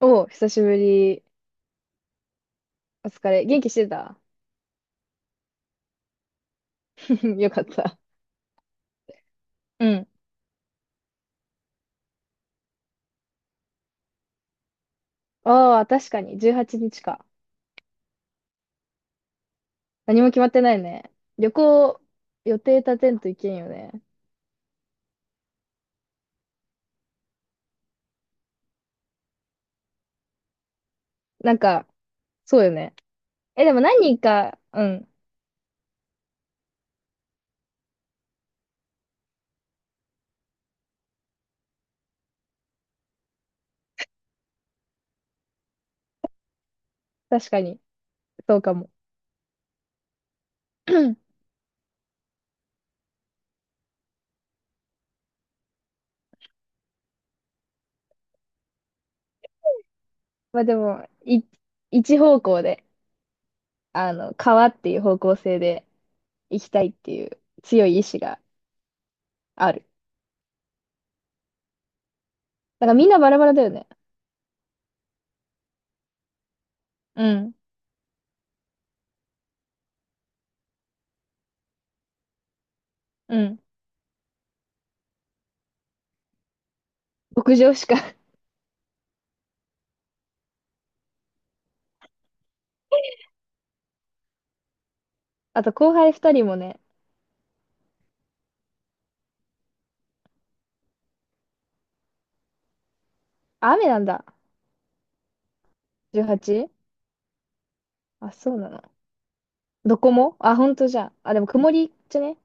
お久しぶり。お疲れ。元気してた？ よかった。うん。ああ、確かに。18日か。何も決まってないね。旅行、予定立てんといけんよね。なんか、そうよね。え、でも何人か、うん。確かに。そうかも。まあでも、一方向で、川っていう方向性で行きたいっていう強い意志がある。だからみんなバラバラだよね。うん。うん。牧場しか。あと後輩二人もね、雨なんだ。18？ あ、そうなの。どこもあ、ほんとじゃあ。あ、でも曇りじゃね？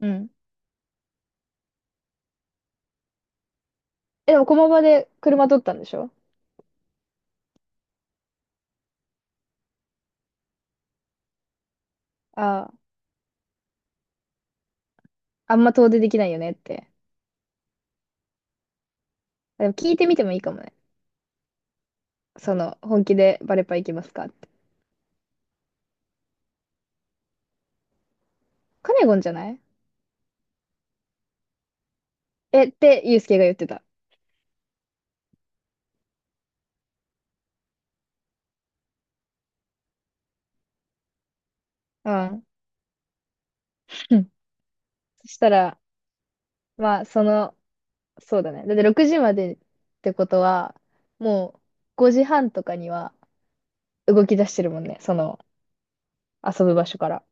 うん。え、でも駒場で車取ったんでしょ？ああ、あんま遠出できないよねって。あでも聞いてみてもいいかもね。その、本気でバレパ行きますかって。カネゴンじゃない？え、ってユうスケが言ってた。うん。うん。そしたら、まあ、その、そうだね。だって6時までってことは、もう5時半とかには動き出してるもんね。その、遊ぶ場所から。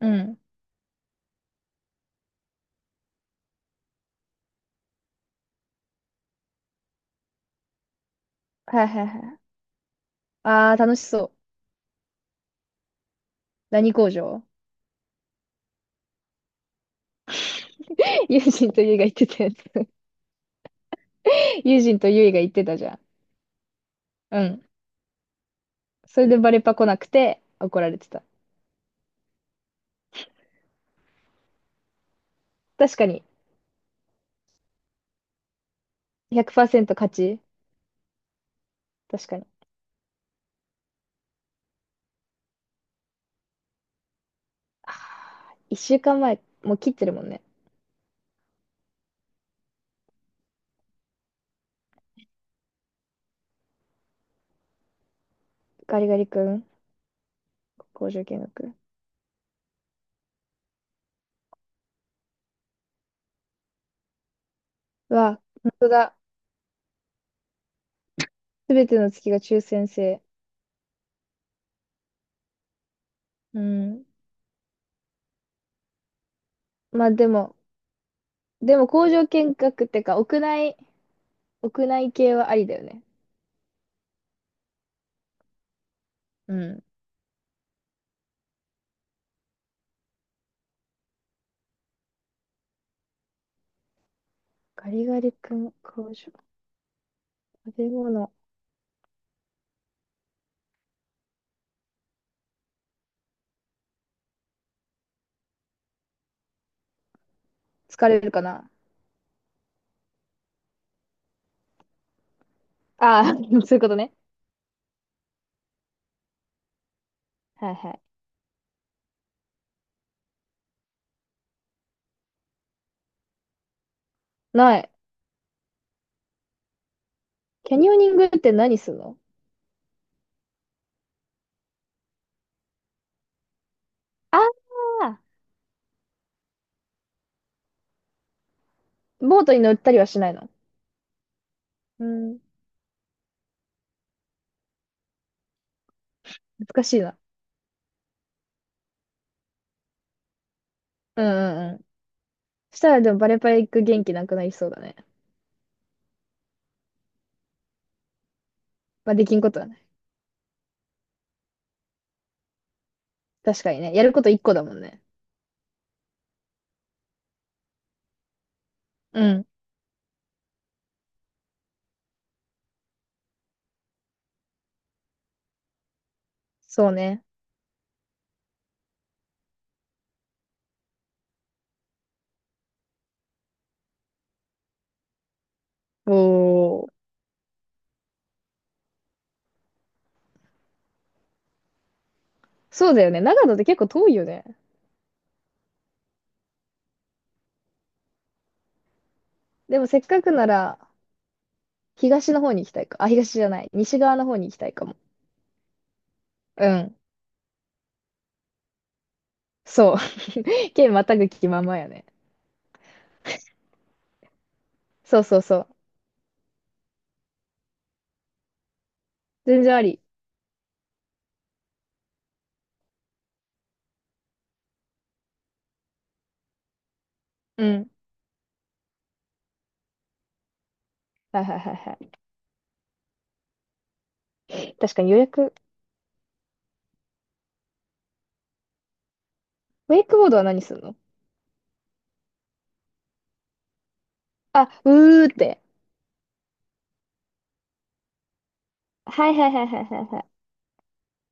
うん。はいはいはい。あー、楽しそう。何工場？ 友人とゆいが言ってたやつ。友人とゆいが言ってたじゃん。うん。それでバレパ来なくて怒られてた。確かに。100%勝ち。確かに。1週間前、もう切ってるもんね。ガリガリ君、工場見学。うわ、本当だ。すべての月が抽選制。うん。まあでも、でも工場見学ってか、屋内、屋内系はありだよね。うん。ガリガリ君、工場、食べ物。疲れるかな？ああ、そういうことね。はいはい。ない。キャニオニングって何するの？ああー、ボートに乗ったりはしないの？うん。難しいな。うんうんうん。したらでもバレバレ行く元気なくなりそうだね。まあ、できんことはない。確かにね。やること一個だもんね。うん。そうね。おー。そうだよね。長野って結構遠いよね。でもせっかくなら、東の方に行きたいか。あ、東じゃない。西側の方に行きたいかも。うん。そう。県またぐ気ままやね。そうそうそう。全然あり。うん。はいはいはいはい。確かに予約。ウェイクボードは何するの？あ、うーって。はいはいはいはいはいはい。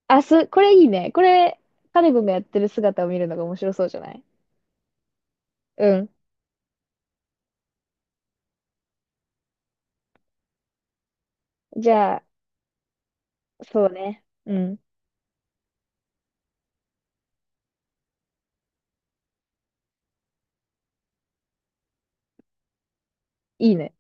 あ、す、これいいね。これ、カネ君がやってる姿を見るのが面白そうじゃない？うん。じゃあ、そうね。うん。いいね。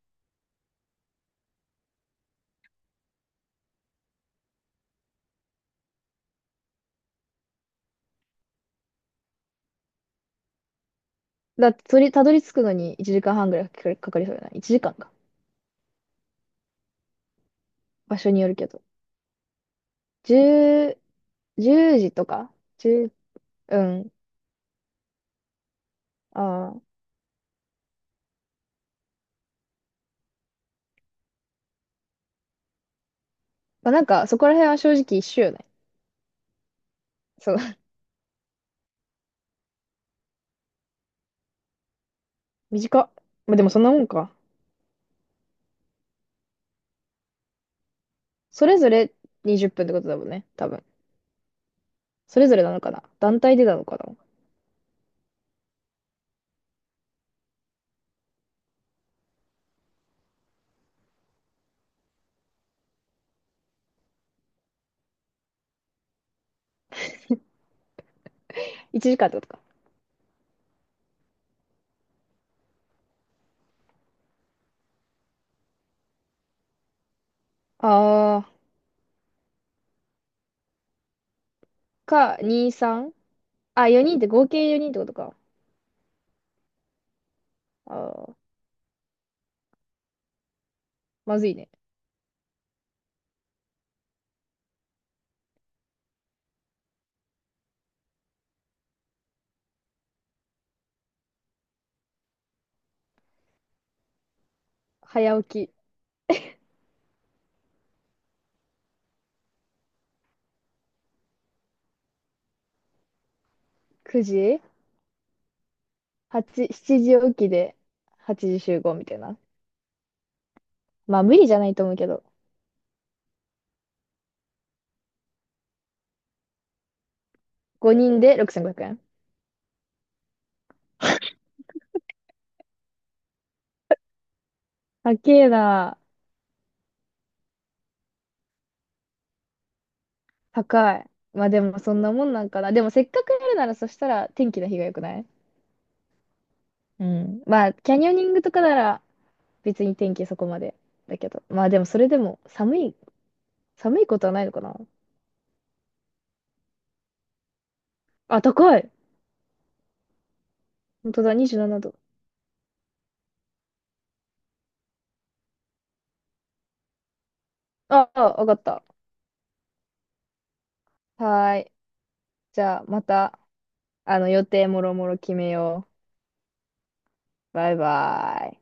だって、それたどり着くのに1時間半ぐらいかかりそうじゃない？ 1 時間か。場所によるけど。10、時とか1う、うん。ああ。まあ、なんか、そこら辺は正直一緒よね。そう。短っ。まあ、でもそんなもんか。それぞれ20分っぷんってことだもんね。多分。それぞれなのかな、団体でなのかな？ 1 時間ってことか。あー、か、2、3？ あ、4人って合計4人ってことか。あー、まずいね。早起き、9時？ 8、7時起きで8時集合みたいな。まあ無理じゃないと思うけど。5人で6500円。高えな。高い。まあでもそんなもんなんかな。でもせっかくやるならそしたら天気の日が良くない？うん。まあキャニオニングとかなら別に天気そこまでだけど。まあでもそれでも寒い、寒いことはないのかな？あ、高い。本当だ、27度。ああ、わかった。はーい。じゃあ、また、あの、予定もろもろ決めよう。バイバイ。